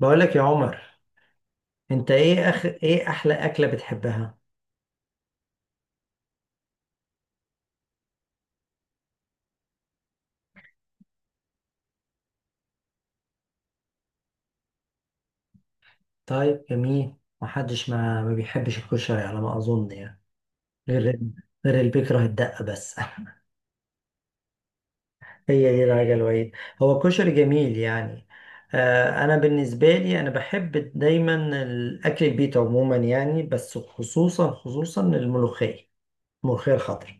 بقول لك يا عمر، انت ايه اخ، ايه احلى اكله بتحبها؟ طيب جميل. محدش ما بيحبش الكشري على ما اظن يعني، غير غير اللي بيكره الدقه بس. هي دي الحاجه الوحيده. هو كشري جميل يعني. آه انا بالنسبه لي انا بحب دايما الاكل البيت عموما يعني، بس خصوصا خصوصا الملوخيه الخضراء.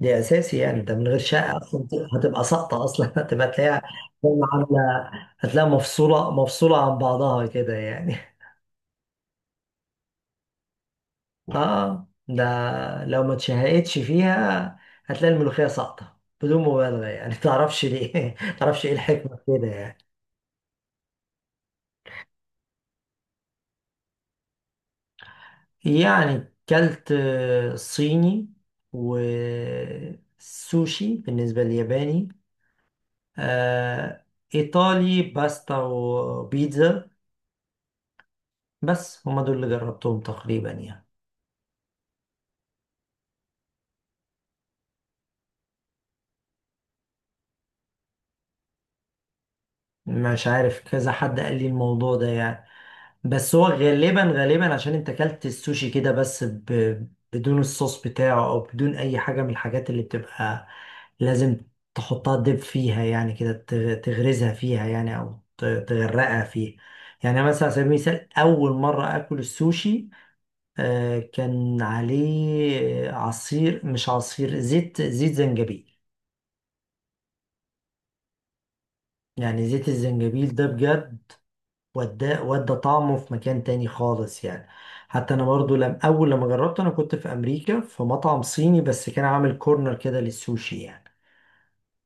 دي اساسي، يعني انت من غير شقه اصلا هتبقى ساقطه اصلا. هتبقى تلاقيها عامله، هتلاقيها مفصوله عن بعضها كده يعني. اه ده لو ما اتشهقتش فيها هتلاقي الملوخيه ساقطه بدون مبالغه يعني. تعرفش ليه؟ تعرفش ايه الحكمه في كده يعني؟ يعني كلت صيني، وسوشي بالنسبه للياباني، آه، ايطالي باستا وبيتزا. بس هما دول اللي جربتهم تقريبا يعني. مش عارف، كذا حد قال لي الموضوع ده يعني، بس هو غالبا عشان انت اكلت السوشي كده بس بدون الصوص بتاعه، او بدون اي حاجة من الحاجات اللي بتبقى لازم تحطها دب فيها، يعني كده تغرزها فيها يعني، او تغرقها فيها. يعني مثلا على سبيل المثال، اول مرة اكل السوشي كان عليه عصير، مش عصير، زيت، زيت زنجبيل. يعني زيت الزنجبيل ده بجد ودى طعمه في مكان تاني خالص يعني. حتى انا برضو لم اول لما جربته، انا كنت في امريكا في مطعم صيني بس كان عامل كورنر كده للسوشي يعني،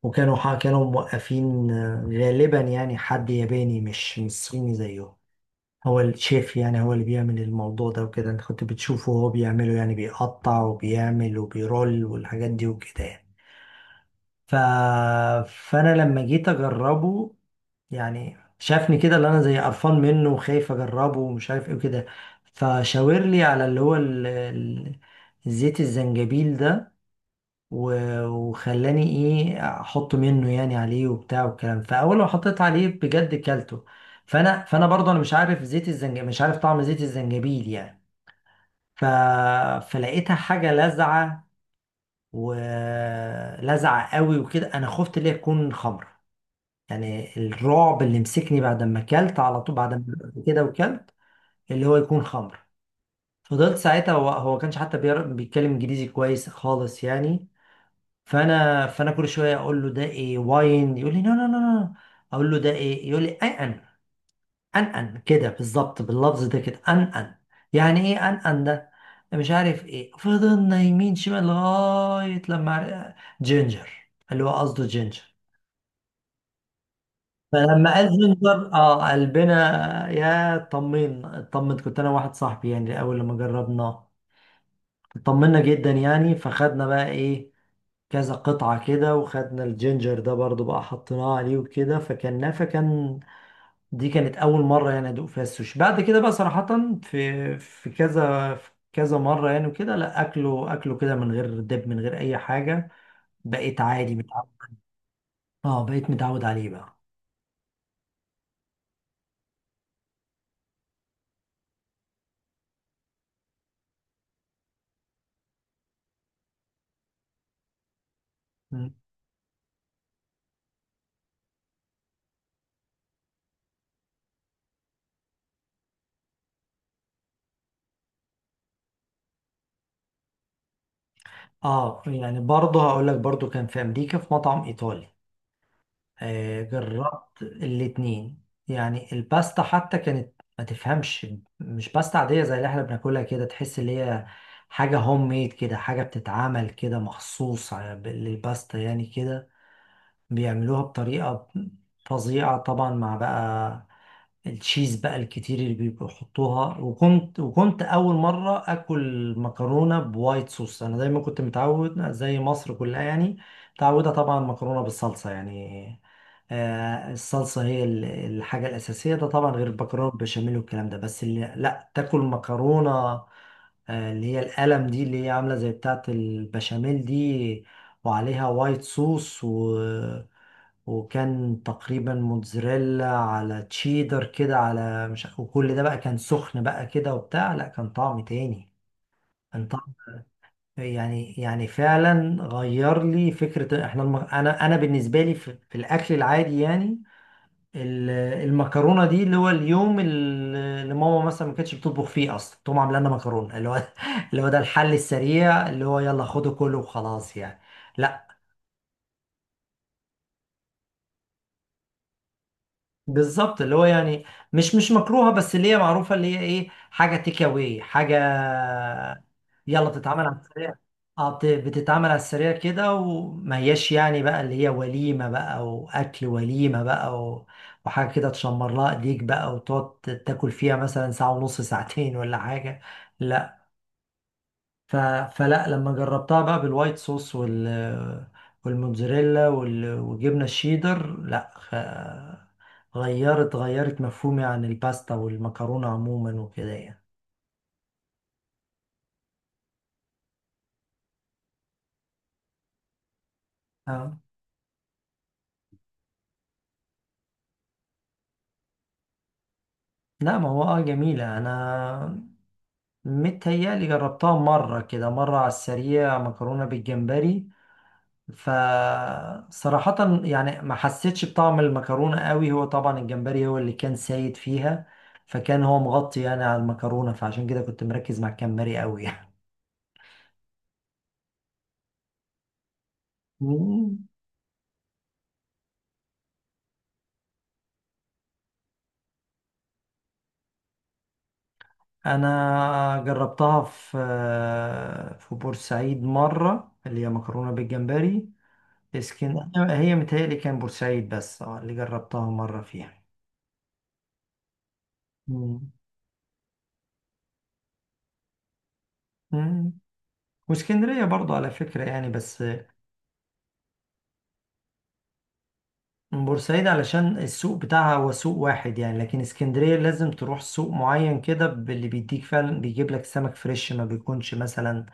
وكانوا كانوا موقفين غالبا يعني حد ياباني مش صيني زيهم، هو الشيف يعني، هو اللي بيعمل الموضوع ده وكده. انت كنت بتشوفه وهو بيعمله يعني، بيقطع وبيعمل وبيرول والحاجات دي وكده يعني. ف... فانا لما جيت اجربه يعني، شافني كده اللي انا زي قرفان منه وخايف اجربه ومش عارف ايه وكده، فشاور لي على اللي هو زيت الزنجبيل ده، وخلاني ايه احط منه يعني عليه وبتاع والكلام. فاول ما حطيت عليه بجد كلته. فانا برضه انا مش عارف زيت الزنجبيل، مش عارف طعم زيت الزنجبيل يعني. ف... فلقيتها حاجه لاذعه ولزعه قوي وكده. انا خفت ليه تكون خمر يعني. الرعب اللي مسكني بعد ما اكلت على طول، بعد ما قلت كده وكلت، اللي هو يكون خمر. فضلت ساعتها، هو ما كانش حتى بيتكلم انجليزي كويس خالص يعني. فانا كل شويه اقول له ده ايه، واين يقول لي نو نو نو نو. اقول له ده ايه، يقول لي ان ان، ان ان، كده بالظبط باللفظ ده، كده ان ان. يعني ايه ان ان ده؟ مش عارف ايه. فضلنا يمين شمال لغايه لما جينجر، اللي هو قصده جينجر. فلما قال زنجر اه قلبنا، يا طمن كنت انا واحد صاحبي يعني. اول لما جربناه طمنا جدا يعني، فخدنا بقى ايه كذا قطعة كده، وخدنا الجينجر ده برضو بقى، حطيناه عليه وكده فكلناه. فكان دي كانت اول مرة يعني ادوق فيها السوشي. بعد كده بقى صراحة في كذا مرة يعني وكده، لا اكله، كده من غير دب من غير اي حاجة. بقيت عادي متعود. اه بقيت متعود عليه بقى. اه يعني برضه هقول لك، برضه كان في امريكا في مطعم ايطالي. آه جربت الاتنين يعني، الباستا حتى كانت ما تفهمش. مش باستا عادية زي اللي احنا بناكلها كده، تحس اللي هي حاجة هوم ميد كده، حاجة بتتعمل كده مخصوص للباستا يعني كده، بيعملوها بطريقة فظيعة طبعا، مع بقى التشيز بقى الكتير اللي بيحطوها. وكنت أول مرة أكل مكرونة بوايت صوص. أنا دايما كنت متعود زي مصر كلها يعني، متعودة طبعا مكرونة بالصلصة يعني. الصلصة هي الحاجة الأساسية، ده طبعا غير المكرونة بالبشاميل والكلام ده. بس اللي لا، تاكل مكرونة اللي هي القلم دي اللي هي عاملة زي بتاعة البشاميل دي، وعليها وايت صوص وكان تقريبا موتزاريلا على تشيدر كده، على مش عارف- وكل ده بقى كان سخن بقى كده وبتاع. لا كان طعم تاني، كان طعم يعني يعني فعلا غير لي فكرة. احنا انا بالنسبة لي في، في الاكل العادي يعني، ال- المكرونة دي اللي هو اليوم، اللي ماما مثلا ما كانتش بتطبخ فيه اصلا، تقوم عامله لنا مكرونة اللي هو اللي هو ده الحل السريع، اللي هو يلا خده كله وخلاص يعني. لا بالظبط، اللي هو يعني مش مكروهه، بس اللي هي معروفه، اللي هي ايه، حاجه تيك اواي، حاجه يلا بتتعمل على السريع. اه بتتعمل على السريع كده، وما هياش يعني بقى اللي هي وليمه بقى واكل وليمه بقى، وحاجه كده تشمر لها ايديك بقى وتقعد تاكل فيها مثلا ساعه ونص ساعتين ولا حاجه. ف... فلا لما جربتها بقى بالوايت صوص وال والموتزاريلا وجبنة الشيدر، لا غيرت مفهومي عن الباستا والمكرونة عموما وكده يعني. اه لا ما هو اه جميلة. انا متهيألي جربتها مرة كده، مرة على السريع مكرونة بالجمبري، فصراحة يعني ما حسيتش بطعم المكرونة قوي. هو طبعا الجمبري هو اللي كان سايد فيها، فكان هو مغطي يعني على المكرونة، فعشان كده كنت مركز مع الجمبري قوي يعني. مم. انا جربتها في في بورسعيد مرة اللي هي مكرونة بالجمبري. اسكن هي متهيألي كان بورسعيد، بس اه اللي جربتها مرة فيها. مم. مم. واسكندرية برضو على فكرة يعني، بس بورسعيد علشان السوق بتاعها هو سوق واحد يعني، لكن اسكندرية لازم تروح سوق معين كده، باللي بيديك فعلا بيجيب لك سمك فريش ما بيكونش مثلا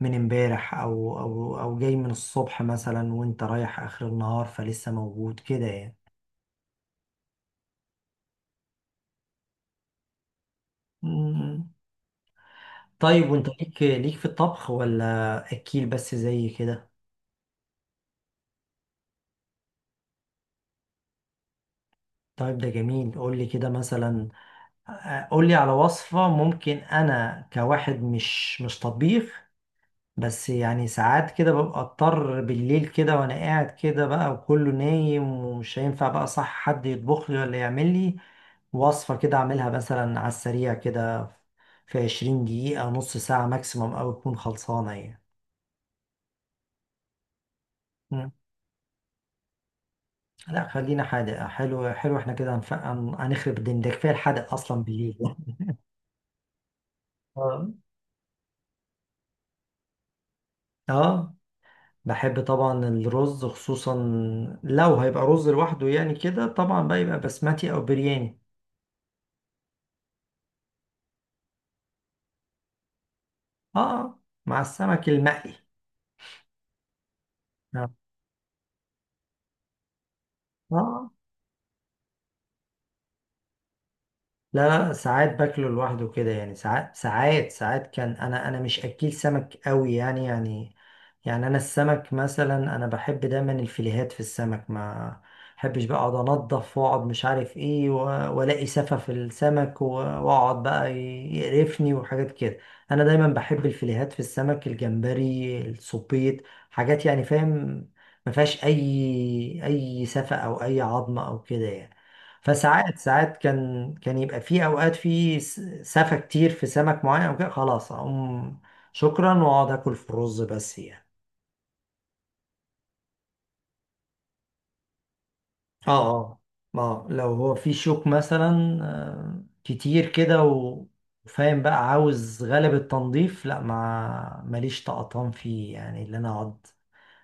من امبارح او او جاي من الصبح مثلا وانت رايح اخر النهار فلسه موجود كده يعني. مم. طيب وانت ليك في الطبخ ولا اكيل بس زي كده؟ طيب ده جميل، قول لي كده مثلا، قول لي على وصفة، ممكن انا كواحد مش طبيخ بس، يعني ساعات كده ببقى اضطر بالليل كده وانا قاعد كده بقى وكله نايم ومش هينفع بقى صح حد يطبخ لي ولا يعمل لي، وصفة كده اعملها مثلا على السريع كده في 20 دقيقة نص ساعة ماكسيموم او تكون خلصانة يعني. مم. لا خلينا حادق، حلو حلو احنا كده هنخرب الدنيا، ده كفاية الحادق اصلا بالليل. اه اه بحب طبعا الرز، خصوصا لو هيبقى رز لوحده يعني كده، طبعا بقى يبقى بسمتي او برياني. اه مع السمك المقلي. اه آه. لا لا ساعات باكله لوحده كده يعني، ساعات كان انا مش اكيل سمك قوي يعني يعني. يعني انا السمك مثلا انا بحب دايما الفيليهات في السمك، ما بحبش بقى اقعد انضف واقعد مش عارف ايه، والاقي سفة في السمك، واقعد بقى يقرفني وحاجات كده. انا دايما بحب الفيليهات في السمك، الجمبري، السبيط، حاجات يعني فاهم ما فيهاش اي سفة او اي عظمة او كده يعني. فساعات، كان يبقى في اوقات في سفة كتير في سمك معين او كده، خلاص اقوم شكرا واقعد اكل في الرز بس يعني. اه اه لو هو في شوك مثلا كتير كده، وفاهم بقى عاوز غلب التنظيف، لا ما ماليش طقطان فيه يعني اللي انا اقعد.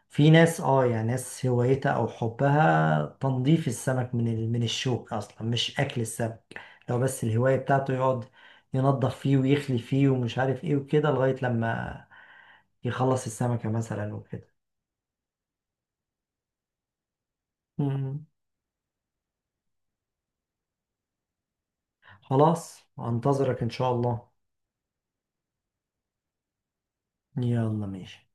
في ناس اه يعني ناس هوايتها او حبها تنظيف السمك من من الشوك، اصلا مش اكل السمك، لو بس الهواية بتاعته يقعد ينظف فيه ويخلي فيه ومش عارف ايه وكده لغاية لما يخلص السمكة مثلا وكده. مم. خلاص انتظرك ان شاء الله. يلا ماشي.